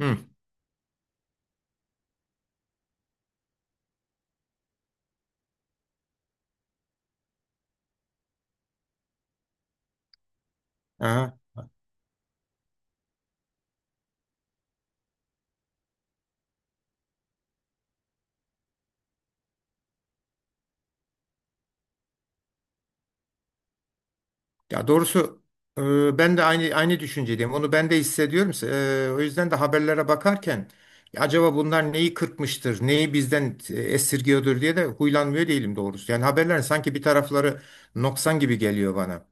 Hı. Aha. Ya doğrusu ben de aynı düşüncedeyim. Onu ben de hissediyorum. O yüzden de haberlere bakarken, "Ya acaba bunlar neyi kırpmıştır, neyi bizden esirgiyordur diye de huylanmıyor değilim doğrusu." Yani haberler sanki bir tarafları noksan gibi geliyor bana.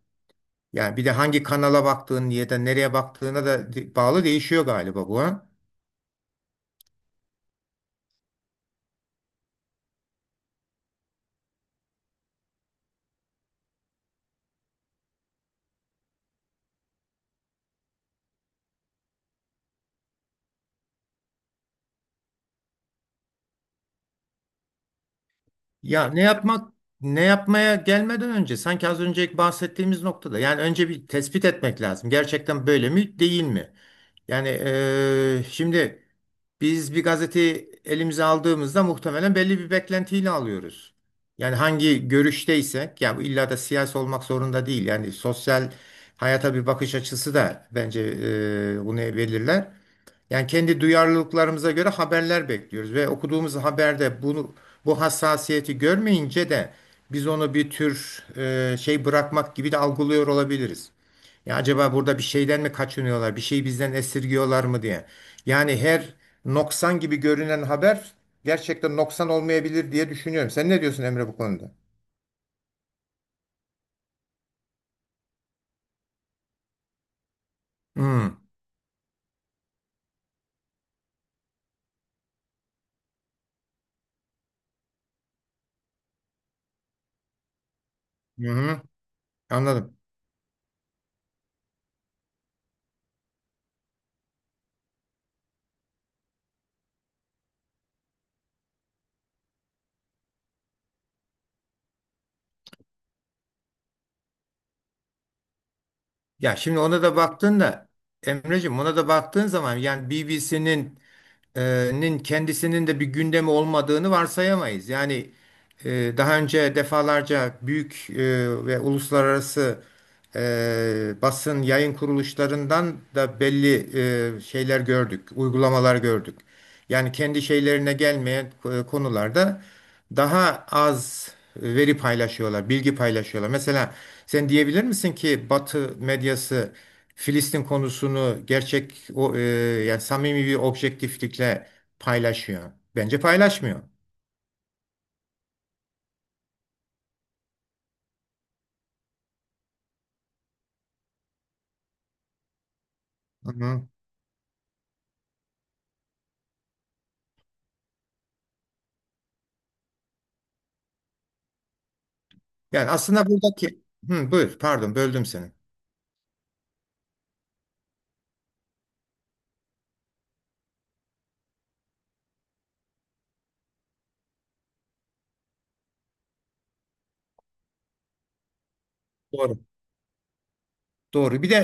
Yani bir de hangi kanala baktığın ya da nereye baktığına da bağlı değişiyor galiba bu, ha? Ya ne yapmaya gelmeden önce sanki az önce bahsettiğimiz noktada, yani önce bir tespit etmek lazım. Gerçekten böyle mi değil mi? Yani şimdi biz bir gazeteyi elimize aldığımızda muhtemelen belli bir beklentiyle alıyoruz. Yani hangi görüşteysek, yani bu illa da siyasi olmak zorunda değil. Yani sosyal hayata bir bakış açısı da bence bunu belirler. Yani kendi duyarlılıklarımıza göre haberler bekliyoruz ve okuduğumuz haberde bunu, bu hassasiyeti görmeyince de biz onu bir tür şey bırakmak gibi de algılıyor olabiliriz. Ya acaba burada bir şeyden mi kaçınıyorlar, bir şeyi bizden esirgiyorlar mı diye. Yani her noksan gibi görünen haber gerçekten noksan olmayabilir diye düşünüyorum. Sen ne diyorsun Emre bu konuda? Hmm. Hı hı. Anladım. Ya şimdi ona da baktığında, Emreciğim, ona da baktığın zaman yani BBC'nin e, nin kendisinin de bir gündemi olmadığını varsayamayız. Yani daha önce defalarca büyük ve uluslararası basın yayın kuruluşlarından da belli şeyler gördük, uygulamalar gördük. Yani kendi şeylerine gelmeyen konularda daha az veri paylaşıyorlar, bilgi paylaşıyorlar. Mesela sen diyebilir misin ki Batı medyası Filistin konusunu gerçek, yani samimi bir objektiflikle paylaşıyor? Bence paylaşmıyor. Yani aslında buradaki... Hı, buyur, pardon böldüm seni. Doğru. Doğru. Bir de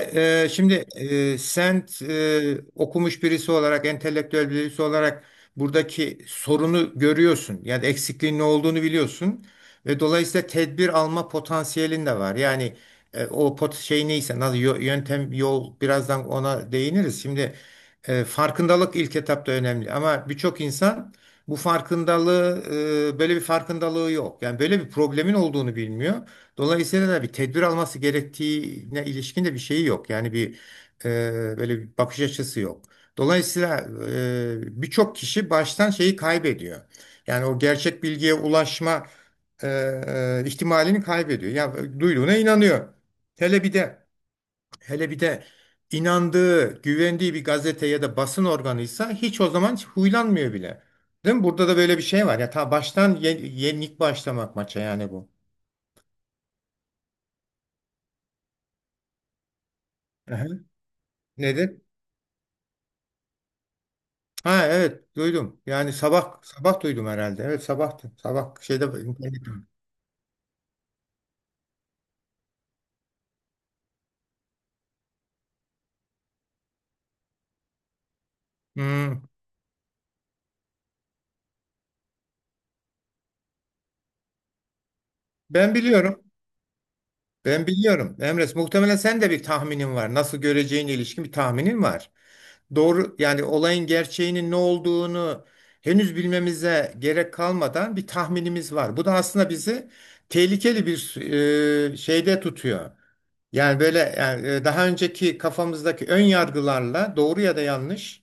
şimdi sen okumuş birisi olarak, entelektüel birisi olarak buradaki sorunu görüyorsun. Yani eksikliğin ne olduğunu biliyorsun. Ve dolayısıyla tedbir alma potansiyelin de var. Yani o pot şey neyse, nasıl yöntem, yol, birazdan ona değiniriz. Şimdi farkındalık ilk etapta önemli. Ama birçok insan bu böyle bir farkındalığı yok. Yani böyle bir problemin olduğunu bilmiyor. Dolayısıyla da bir tedbir alması gerektiğine ilişkin de bir şeyi yok. Yani bir böyle bir bakış açısı yok. Dolayısıyla birçok kişi baştan şeyi kaybediyor. Yani o gerçek bilgiye ulaşma e, ihtimalini kaybediyor. Ya duyduğuna inanıyor. Hele bir de hele bir de inandığı, güvendiği bir gazete ya da basın organıysa, hiç o zaman hiç huylanmıyor bile. Değil mi? Burada da böyle bir şey var. Ya ta baştan yenik başlamak maça yani bu. Aha. Nedir? Ha, evet duydum. Yani sabah sabah duydum herhalde. Evet sabahtı. Sabah şeyde. Hmm. Ben biliyorum. Ben biliyorum. Emres, muhtemelen sen de bir tahminin var. Nasıl göreceğine ilişkin bir tahminin var. Doğru, yani olayın gerçeğinin ne olduğunu henüz bilmemize gerek kalmadan bir tahminimiz var. Bu da aslında bizi tehlikeli bir şeyde tutuyor. Yani böyle yani daha önceki kafamızdaki ön yargılarla doğru ya da yanlış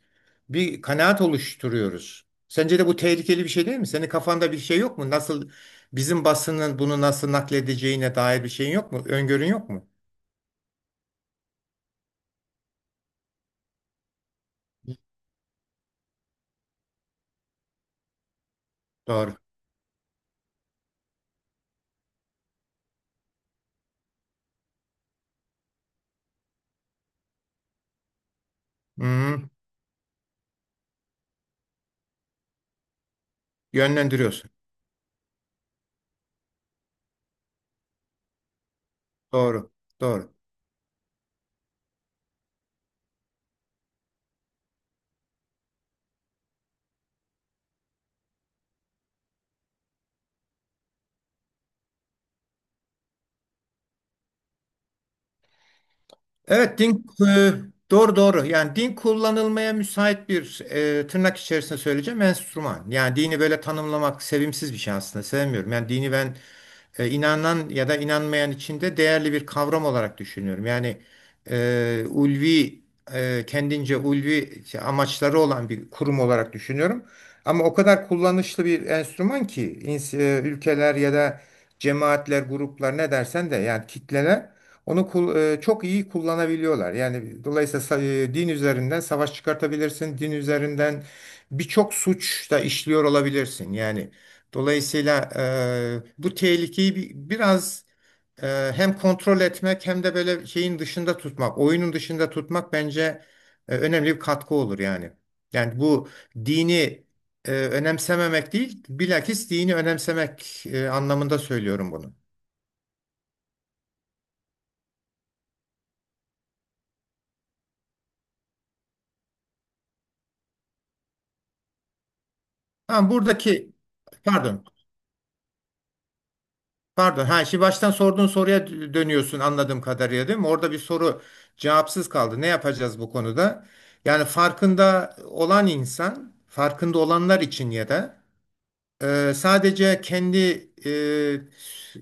bir kanaat oluşturuyoruz. Sence de bu tehlikeli bir şey değil mi? Senin kafanda bir şey yok mu? Nasıl bizim basının bunu nasıl nakledeceğine dair bir şeyin yok mu? Öngörün yok mu? Doğru. Hı. Yönlendiriyorsun. Doğru. Doğru. Evet, doğru doğru. Yani din kullanılmaya müsait bir, tırnak içerisinde söyleyeceğim, enstrüman. Yani dini böyle tanımlamak sevimsiz bir şey aslında. Sevmiyorum. Yani dini ben inanan ya da inanmayan içinde değerli bir kavram olarak düşünüyorum. Yani ulvi kendince ulvi amaçları olan bir kurum olarak düşünüyorum. Ama o kadar kullanışlı bir enstrüman ki ülkeler ya da cemaatler, gruplar, ne dersen de yani kitleler, onu çok iyi kullanabiliyorlar. Yani dolayısıyla din üzerinden savaş çıkartabilirsin. Din üzerinden birçok suç da işliyor olabilirsin. Yani dolayısıyla bu tehlikeyi biraz hem kontrol etmek hem de böyle şeyin dışında tutmak, oyunun dışında tutmak bence önemli bir katkı olur yani. Yani bu dini önemsememek değil, bilakis dini önemsemek anlamında söylüyorum bunu. Tamam, buradaki, pardon. Pardon. Ha, şimdi baştan sorduğun soruya dönüyorsun anladığım kadarıyla, değil mi? Orada bir soru cevapsız kaldı. Ne yapacağız bu konuda? Yani farkında olan insan, farkında olanlar için ya da sadece kendi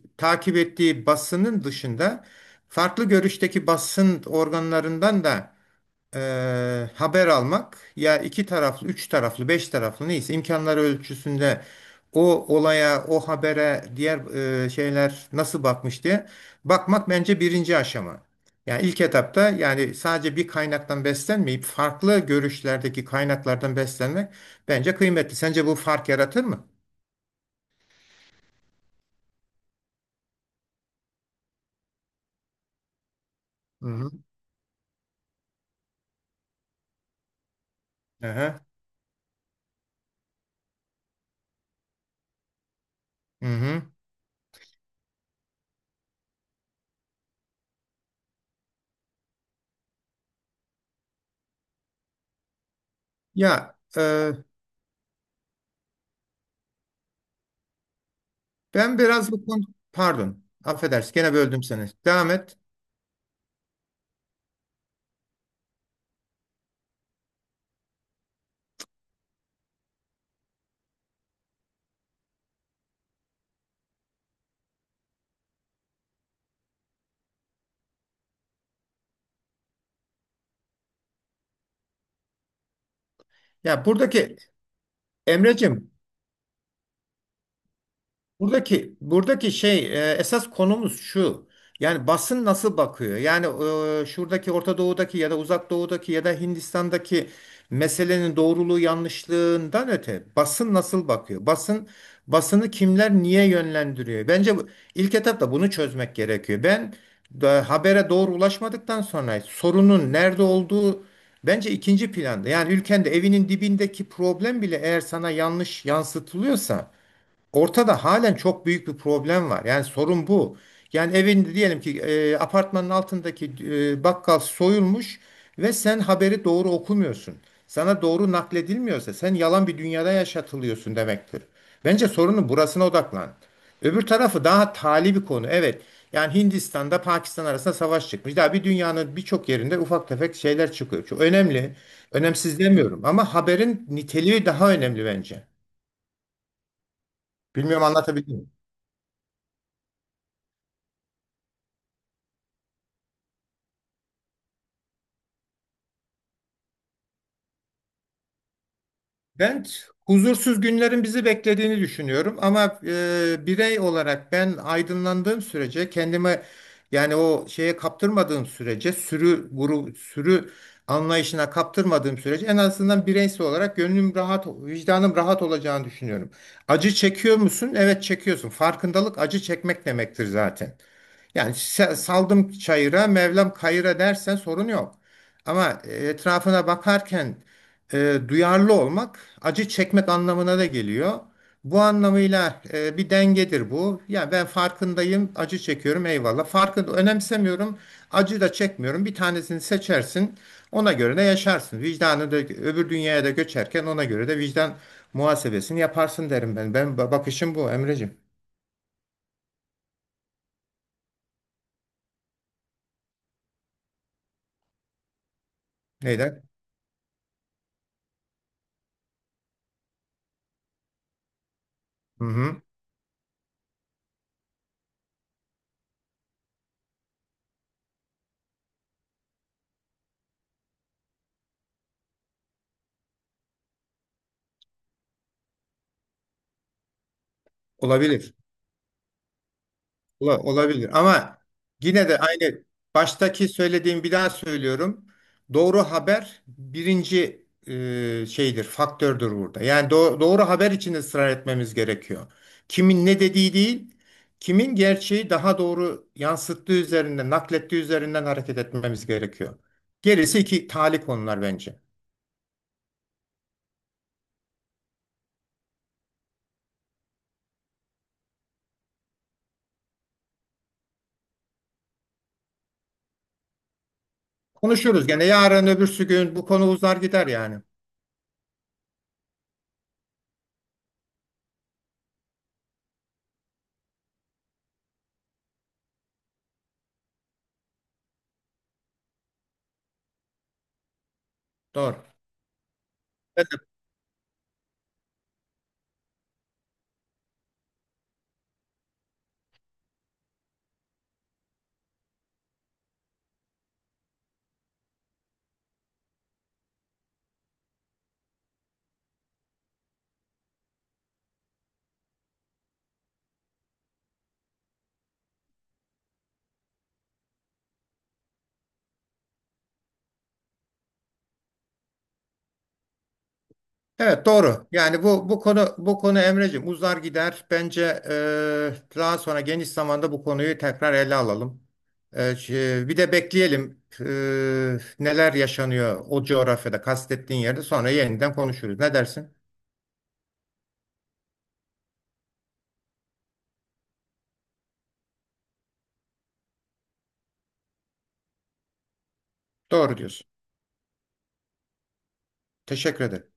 takip ettiği basının dışında farklı görüşteki basın organlarından da haber almak, ya iki taraflı, üç taraflı, beş taraflı neyse imkanları ölçüsünde o olaya, o habere, diğer şeyler nasıl bakmış diye bakmak bence birinci aşama. Yani ilk etapta yani sadece bir kaynaktan beslenmeyip farklı görüşlerdeki kaynaklardan beslenmek bence kıymetli. Sence bu fark yaratır mı? Hı hı. Aha. Hı hı. Ya ben biraz bu konu, pardon, affedersin, gene böldüm seni. Devam et. Ya buradaki Emreciğim Buradaki buradaki şey, esas konumuz şu. Yani basın nasıl bakıyor? Yani şuradaki Orta Doğu'daki ya da Uzak Doğu'daki ya da Hindistan'daki meselenin doğruluğu yanlışlığından öte basın nasıl bakıyor? Basını kimler niye yönlendiriyor? Bence bu, ilk etapta bunu çözmek gerekiyor. Ben da, habere doğru ulaşmadıktan sonra sorunun nerede olduğu bence ikinci planda. Yani ülkende evinin dibindeki problem bile eğer sana yanlış yansıtılıyorsa, ortada halen çok büyük bir problem var. Yani sorun bu. Yani evinde diyelim ki apartmanın altındaki bakkal soyulmuş ve sen haberi doğru okumuyorsun. Sana doğru nakledilmiyorsa, sen yalan bir dünyada yaşatılıyorsun demektir. Bence sorunun burasına odaklan. Öbür tarafı daha tali bir konu. Evet. Yani Hindistan'da Pakistan arasında savaş çıkmış. Daha bir dünyanın birçok yerinde ufak tefek şeyler çıkıyor. Çok önemli. Önemsiz demiyorum ama haberin niteliği daha önemli bence. Bilmiyorum, anlatabildim mi? Ben huzursuz günlerin bizi beklediğini düşünüyorum ama birey olarak ben aydınlandığım sürece, kendime yani o şeye kaptırmadığım sürece, sürü anlayışına kaptırmadığım sürece en azından bireysel olarak gönlüm rahat, vicdanım rahat olacağını düşünüyorum. Acı çekiyor musun? Evet çekiyorsun. Farkındalık acı çekmek demektir zaten. Yani saldım çayıra, Mevlam kayıra dersen sorun yok. Ama etrafına bakarken duyarlı olmak acı çekmek anlamına da geliyor. Bu anlamıyla bir dengedir bu. Ya ben farkındayım, acı çekiyorum, eyvallah. Farkında önemsemiyorum, acı da çekmiyorum. Bir tanesini seçersin, ona göre de yaşarsın. Vicdanı da öbür dünyaya da göçerken ona göre de vicdan muhasebesini yaparsın derim ben. Ben bakışım bu, Emreciğim. Neyden? Hı hı. Olabilir. Olabilir ama yine de aynı, baştaki söylediğim, bir daha söylüyorum. Doğru haber birinci şeydir, faktördür burada. Yani doğru haber için ısrar etmemiz gerekiyor. Kimin ne dediği değil, kimin gerçeği daha doğru yansıttığı üzerinden, naklettiği üzerinden hareket etmemiz gerekiyor. Gerisi iki tali konular bence. Konuşuruz gene, yarın öbürsü gün bu konu uzar gider yani. Doğru. Evet doğru. Yani bu konu Emreciğim uzar gider. Bence daha sonra geniş zamanda bu konuyu tekrar ele alalım. Bir de bekleyelim neler yaşanıyor o coğrafyada, kastettiğin yerde, sonra yeniden konuşuruz. Ne dersin? Doğru diyorsun. Teşekkür ederim.